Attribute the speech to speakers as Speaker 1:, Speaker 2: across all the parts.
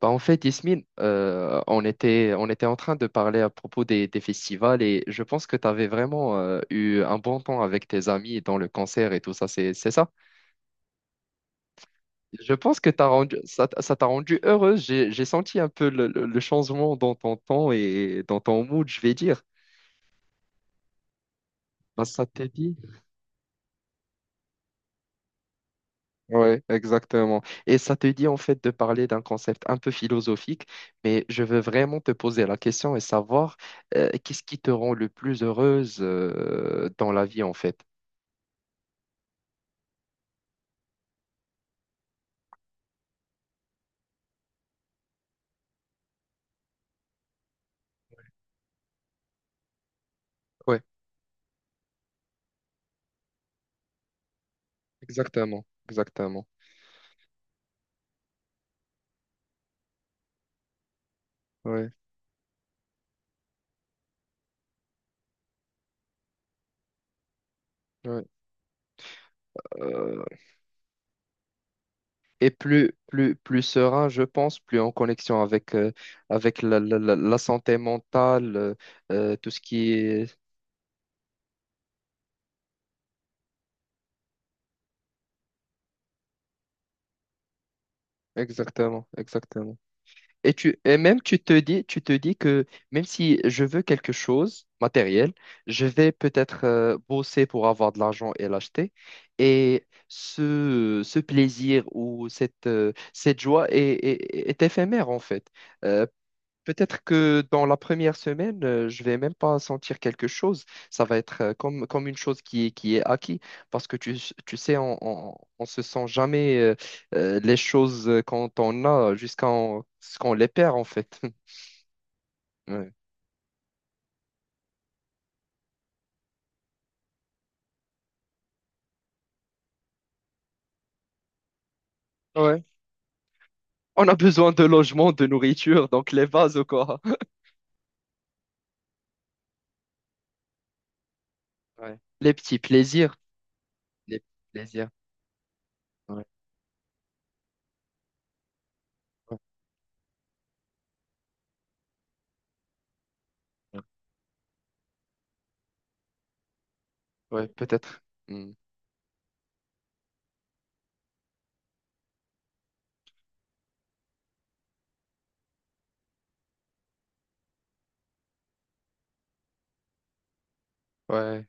Speaker 1: Yasmine, on était en train de parler à propos des festivals et je pense que tu avais vraiment eu un bon temps avec tes amis dans le concert et tout ça, c'est ça? Je pense que t'as rendu, ça, t- ça t'a rendu heureuse. J'ai senti un peu le changement dans ton temps et dans ton mood, je vais dire. Bah, ça t'a dit? Oui, exactement. Et ça te dit en fait de parler d'un concept un peu philosophique, mais je veux vraiment te poser la question et savoir qu'est-ce qui te rend le plus heureuse dans la vie en fait. Oui, exactement, exactement. Oui, oui. Euh, et plus, plus, plus serein, je pense, plus en connexion avec, avec la santé mentale, tout ce qui est... Exactement, exactement. Et tu, et même tu te dis que même si je veux quelque chose matériel, je vais peut-être bosser pour avoir de l'argent et l'acheter. Et ce plaisir ou cette joie est, est éphémère en fait. Euh, Peut-être que dans la première semaine, je vais même pas sentir quelque chose. Ça va être comme, comme une chose qui est acquis. Parce que tu sais, on se sent jamais les choses quand on a ce qu'on les perd, en fait. Ouais. Ouais. On a besoin de logement, de nourriture, donc les bases, quoi. Ouais. Les petits plaisirs. Les plaisirs. Ouais, ouais, ouais. Ouais, peut-être. Hmm. Ouais.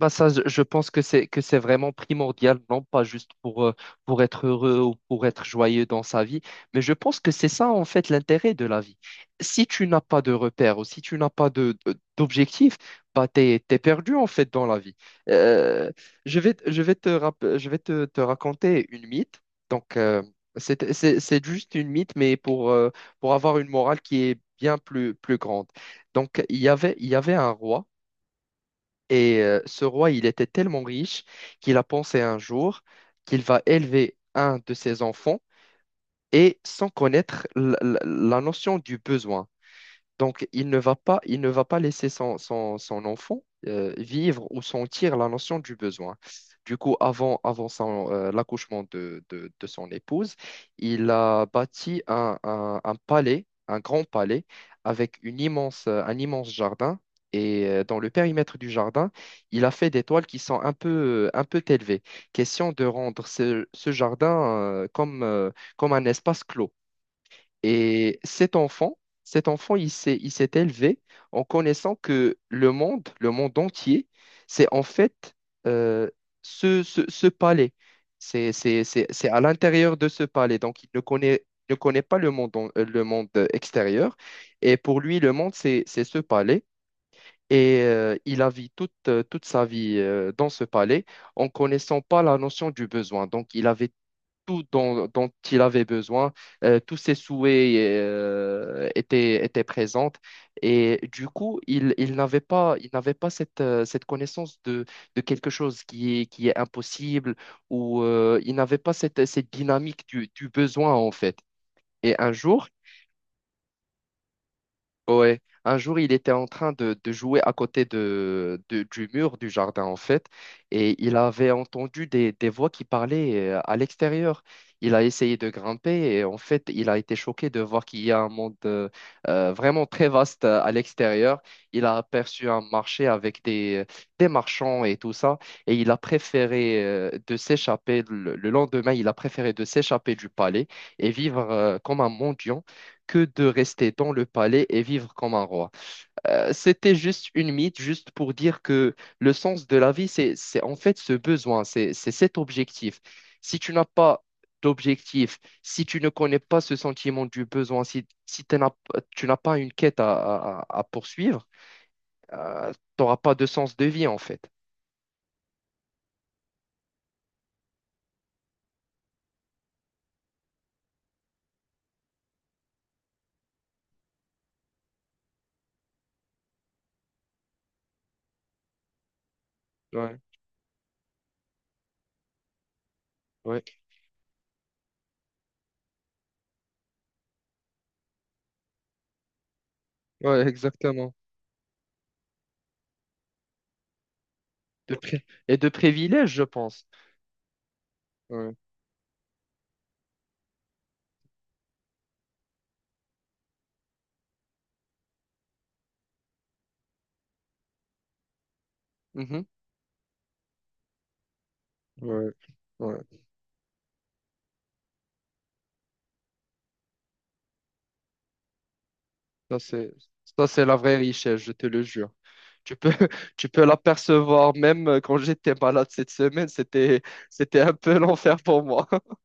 Speaker 1: Bah ça, je pense que c'est vraiment primordial, non pas juste pour être heureux ou pour être joyeux dans sa vie, mais je pense que c'est ça en fait l'intérêt de la vie. Si tu n'as pas de repères ou si tu n'as pas d'objectif, bah t'es perdu en fait dans la vie. Euh, je vais je vais te raconter une mythe. Donc c'est juste une mythe, mais pour avoir une morale qui est bien plus, plus grande. Donc il y avait un roi. Et ce roi, il était tellement riche qu'il a pensé un jour qu'il va élever un de ses enfants et sans connaître la notion du besoin. Donc, il ne va pas laisser son enfant vivre ou sentir la notion du besoin. Du coup, avant son, l'accouchement de son épouse, il a bâti un palais, un grand palais, avec une immense, un immense jardin. Et dans le périmètre du jardin, il a fait des toiles qui sont un peu élevées. Question de rendre ce jardin comme un espace clos. Et cet enfant, il s'est élevé en connaissant que le monde entier, c'est en fait euh, ce palais. C'est à l'intérieur de ce palais. Donc, il ne connaît, ne connaît pas le monde, le monde extérieur. Et pour lui, le monde, c'est ce palais. Et il a vécu toute sa vie dans ce palais en connaissant pas la notion du besoin. Donc, il avait tout dont, dont il avait besoin, tous ses souhaits étaient présents. Et du coup, il n'avait pas, il n'avait pas cette connaissance de quelque chose qui est impossible ou il n'avait pas cette dynamique du besoin en fait. Et un jour, Ouais, un jour il était en train de jouer à côté du mur du jardin en fait, et il avait entendu des voix qui parlaient à l'extérieur. Il a essayé de grimper et en fait il a été choqué de voir qu'il y a un monde vraiment très vaste à l'extérieur. Il a aperçu un marché avec des marchands et tout ça, et il a préféré de s'échapper le lendemain, il a préféré de s'échapper du palais et vivre comme un mendiant que de rester dans le palais et vivre comme un roi. C'était juste une mythe, juste pour dire que le sens de la vie, c'est en fait ce besoin, c'est cet objectif. Si tu n'as pas d'objectif, si tu ne connais pas ce sentiment du besoin, si, si t'en as- tu n'as pas une quête à, à poursuivre, tu n'auras pas de sens de vie en fait. Ouais, ouais, ouais, exactement. Et de privilèges, je pense. Ouais. Mhm. Ouais, ouais. Ça, c'est, ça, c'est la vraie richesse, je te le jure. Tu peux, tu peux l'apercevoir même quand j'étais malade cette semaine, c'était un peu l'enfer pour moi.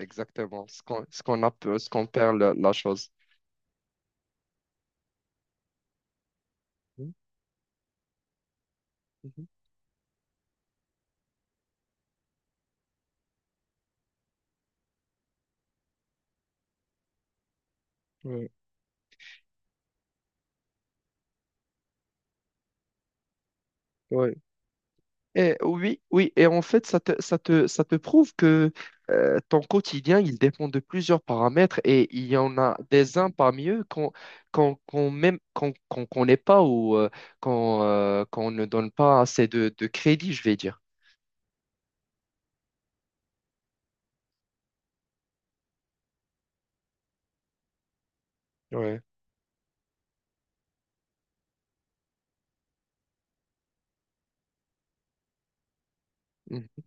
Speaker 1: Exactement, ce qu'on a, ce qu'on perd, la chose. Mhm, mhm. Ouais. Ouais. Eh, oui, oui, et en fait, ça te prouve que ton quotidien, il dépend de plusieurs paramètres et il y en a des uns parmi eux qu'on connaît pas ou qu'on ne donne pas assez de crédit, je vais dire. Ouais. Mm.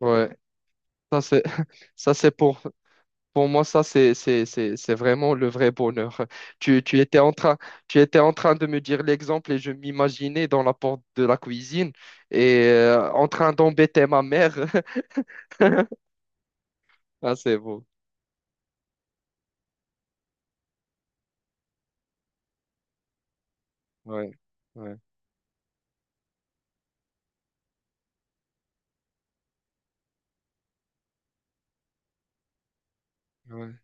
Speaker 1: Ouais, ça c'est ça c'est pour moi, ça, c'est vraiment le vrai bonheur. Tu, tu étais en train, tu étais en train de me dire l'exemple et je m'imaginais dans la porte de la cuisine et en train d'embêter ma mère. Ah, c'est beau. Ouais, ouais, ouais,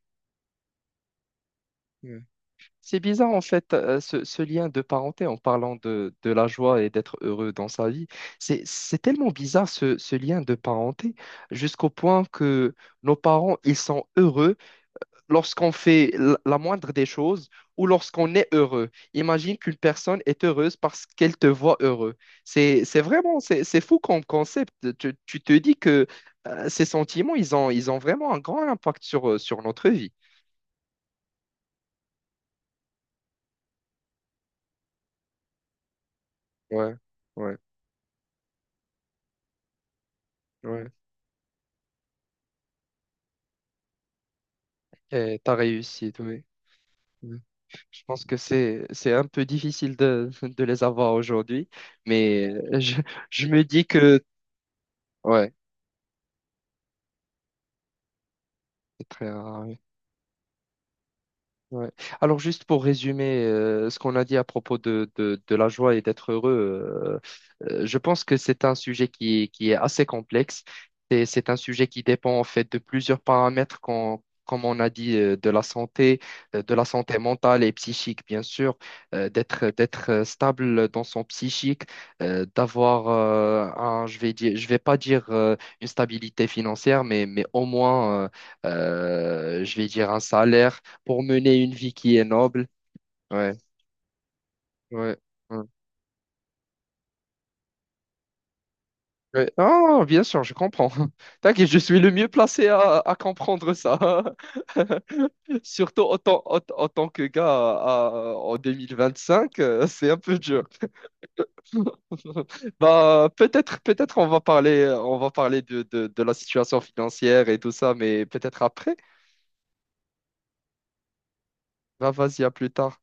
Speaker 1: ouais. C'est bizarre, en fait, ce lien de parenté en parlant de la joie et d'être heureux dans sa vie. C'est tellement bizarre, ce lien de parenté, jusqu'au point que nos parents, ils sont heureux lorsqu'on fait la moindre des choses ou lorsqu'on est heureux. Imagine qu'une personne est heureuse parce qu'elle te voit heureux. C'est fou comme concept. Tu te dis que ces sentiments, ils ont vraiment un grand impact sur, sur notre vie. Ouais, ouais, ouais. Et t'as réussi, oui. Oui. Je pense que c'est un peu difficile de les avoir aujourd'hui, mais je, je me dis que... Ouais, c'est très rare. Ouais. Alors juste pour résumer ce qu'on a dit à propos de la joie et d'être heureux, je pense que c'est un sujet qui est assez complexe. C'est un sujet qui dépend en fait de plusieurs paramètres comme on a dit, de la santé mentale et psychique, bien sûr, d'être stable dans son psychique, d'avoir un, je vais dire, je vais pas dire une stabilité financière, mais au moins, je vais dire un salaire pour mener une vie qui est noble. Ouais, ouais, ouais. Ouais. Ah, bien sûr, je comprends. T'inquiète, je suis le mieux placé à comprendre ça. Surtout en tant, en tant que gars en 2025, c'est un peu dur. Bah, peut-être on va parler de la situation financière et tout ça, mais peut-être après. Bah vas-y, à plus tard.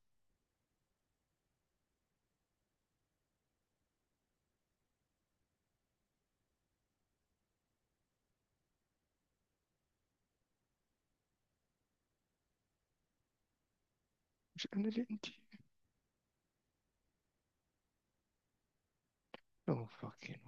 Speaker 1: J'ai un lundi. Oh, fucking.